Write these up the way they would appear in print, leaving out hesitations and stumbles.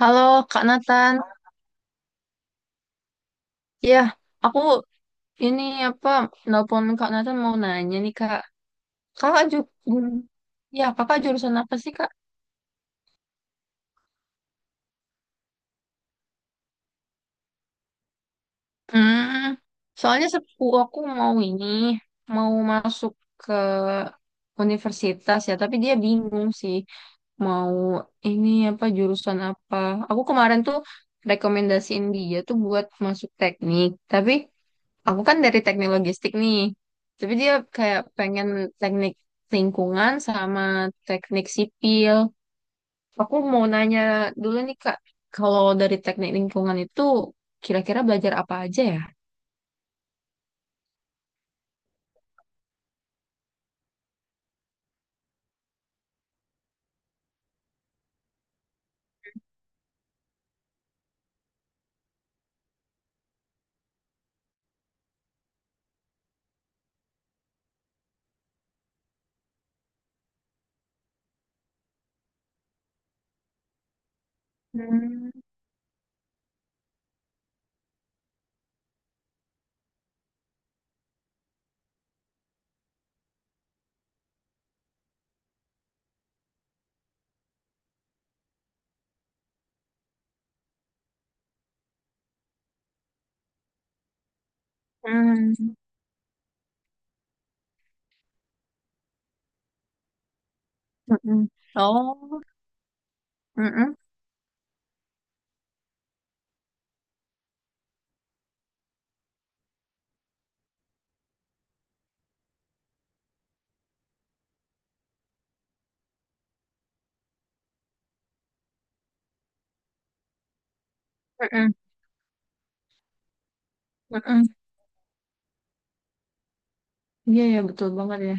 Halo Kak Nathan, ya aku ini apa nelpon Kak Nathan mau nanya nih Kak, Kakak ju hmm, Kakak jurusan apa sih Kak? Hmm, Soalnya sepupu aku mau ini mau masuk ke universitas ya, tapi dia bingung sih mau ini apa jurusan apa. Aku kemarin tuh rekomendasiin dia tuh buat masuk teknik, tapi aku kan dari teknik logistik nih. Tapi dia kayak pengen teknik lingkungan sama teknik sipil. Aku mau nanya dulu nih Kak, kalau dari teknik lingkungan itu kira-kira belajar apa aja ya? Hmm, hmm, mm-mm. Oh, mm-mm, mm-mm, mm-mm. Iya ya betul banget ya.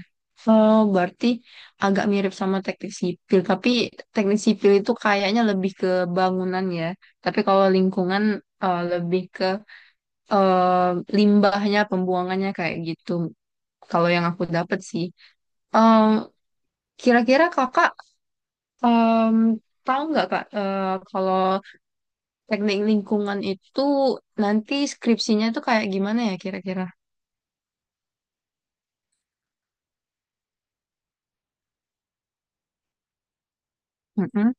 Oh, berarti agak mirip sama teknik sipil, tapi teknik sipil itu kayaknya lebih ke bangunan ya. Tapi kalau lingkungan lebih ke eh, limbahnya, pembuangannya kayak gitu. Kalau yang aku dapat sih, Em, kira-kira kakak em, tahu nggak kak kalau teknik lingkungan itu nanti skripsinya tuh kayak gimana ya kira-kira? Mm-mm.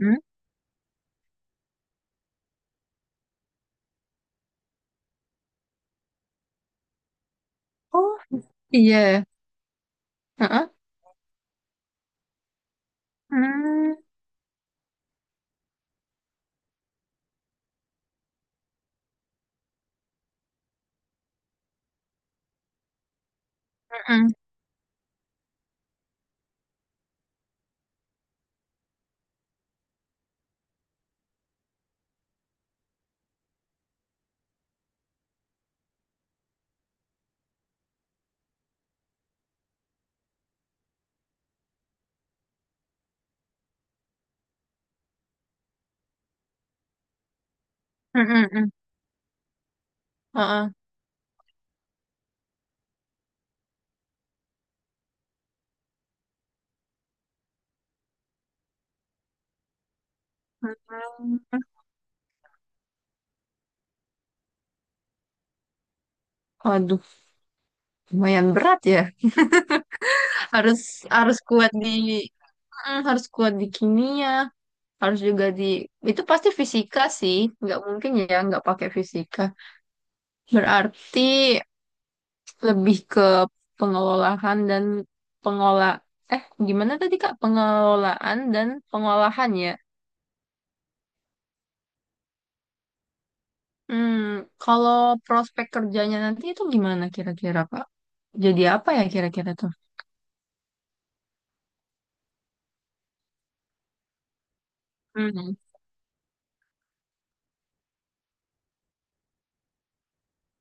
Mm. Oh iya, heeh. Mm, mm-mm. Mm-mm-mm. Heeh. Mm. Waduh, lumayan berat ya. Harus harus kuat di harus kuat di kimia, harus juga di itu pasti fisika sih, nggak mungkin ya nggak pakai fisika. Berarti lebih ke pengelolaan dan pengolah eh gimana tadi Kak? Pengelolaan dan pengolahan ya. Hmm, kalau prospek kerjanya nanti itu gimana kira-kira Kak? Jadi apa ya kira-kira tuh? Hmm.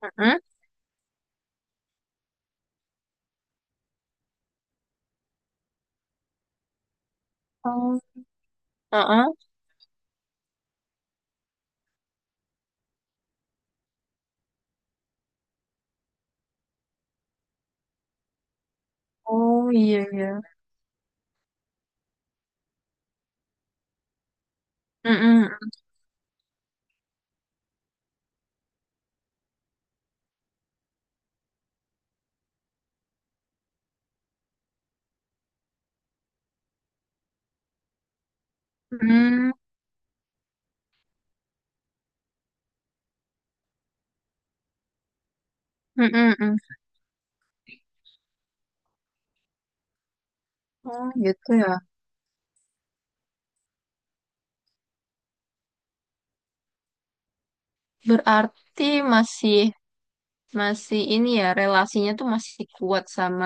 Mm-mm. Oh, uh-uh. Oh iya iya. Mm-mm. Mm, mm hmm mm mm. Oh gitu ya. Berarti masih masih ini ya relasinya tuh masih kuat sama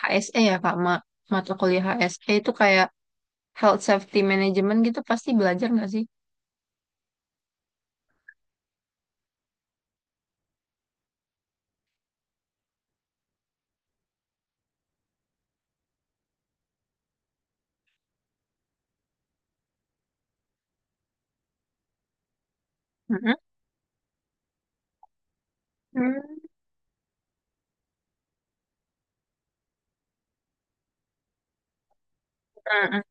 HSE ya Kak, mata kuliah HSE itu kayak health safety management gitu pasti belajar nggak sih? Mm-mm. Hmm, mm-mm.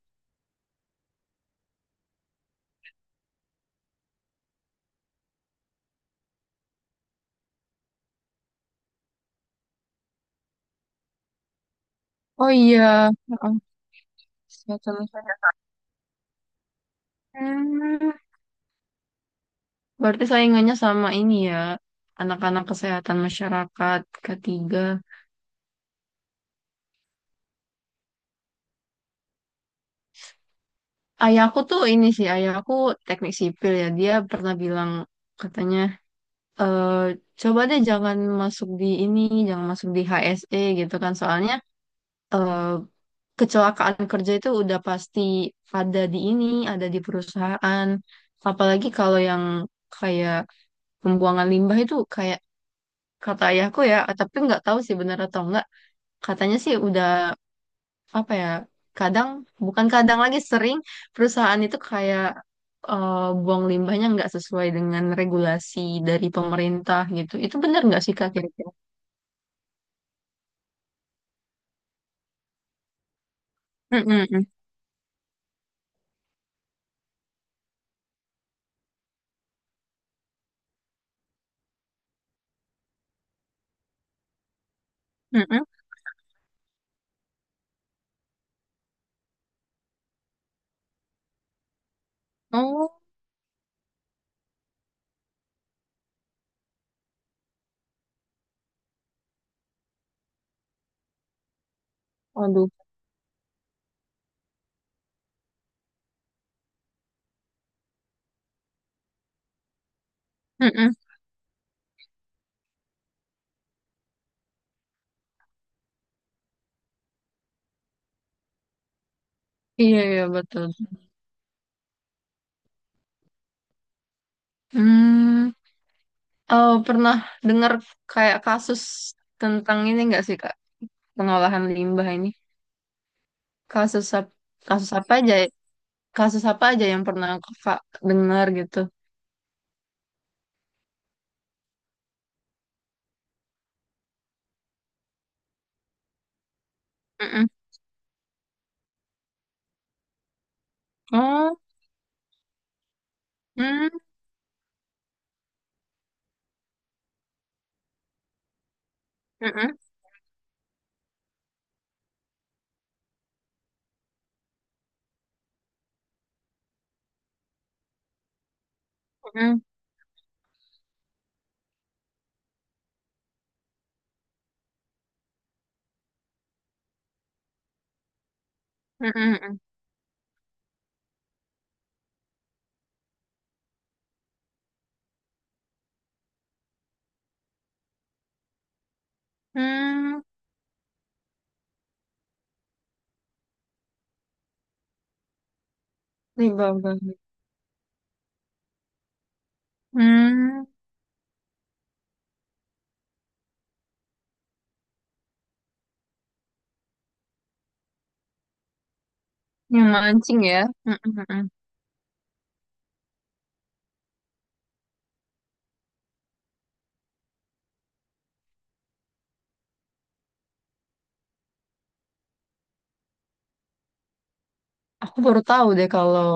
Oh iya, heeh. Kesehatan masyarakat. Hmm, Berarti saingannya sama ini ya, anak-anak kesehatan masyarakat ketiga. Ayahku tuh ini sih, ayahku teknik sipil ya, dia pernah bilang katanya eh coba deh jangan masuk di ini, jangan masuk di HSE gitu kan. Soalnya eh kecelakaan kerja itu udah pasti ada di ini, ada di perusahaan. Apalagi kalau yang kayak pembuangan limbah itu kayak kata ayahku ya, tapi nggak tahu sih benar atau enggak. Katanya sih udah apa ya? Kadang bukan kadang lagi sering perusahaan itu kayak eh, buang limbahnya nggak sesuai dengan regulasi dari pemerintah gitu. Itu benar nggak sih Kak? Mm-mm, mm-mm. Oh, aduh. Mm-mm. Iya, iya, betul. Hmm, oh, pernah dengar kayak kasus tentang ini nggak sih, Kak? Pengolahan limbah ini. Kasus ap- kasus apa aja? Ya? Kasus apa aja yang pernah Kakak dengar gitu? Mm-mm. Oh, hmm, mm-mm, mm-mm, mm-mm, mm-mm. Hmm, limbah banget. Hmm, yang mancing ya. Mm-mm, mm-mm. Aku baru tahu deh kalau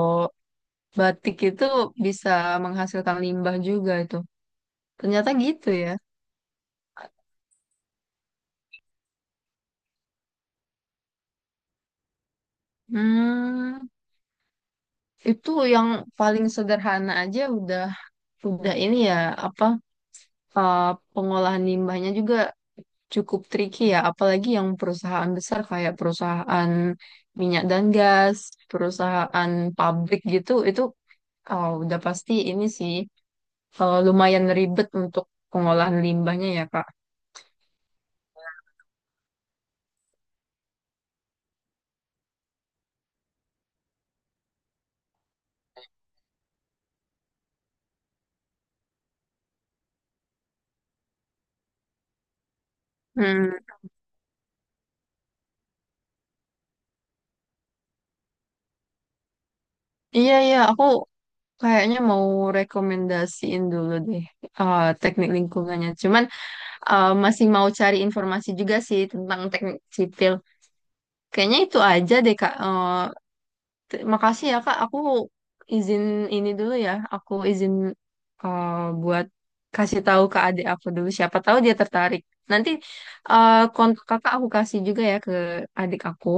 batik itu bisa menghasilkan limbah juga itu. Ternyata gitu ya. Hmm, itu yang paling sederhana aja udah ini ya apa uh, pengolahan limbahnya juga cukup tricky ya, apalagi yang perusahaan besar kayak perusahaan minyak dan gas, perusahaan pabrik gitu, itu oh udah pasti ini sih lumayan ribet untuk pengolahan limbahnya ya, Kak. Hmm, iya iya, aku kayaknya mau rekomendasiin dulu deh teknik lingkungannya. Cuman masih mau cari informasi juga sih tentang teknik sipil. Kayaknya itu aja deh Kak. Makasih ya Kak, aku izin ini dulu ya. Aku izin eh, buat kasih tahu ke adik aku dulu siapa tahu dia tertarik. Nanti kontak Kakak aku kasih juga ya ke adik aku.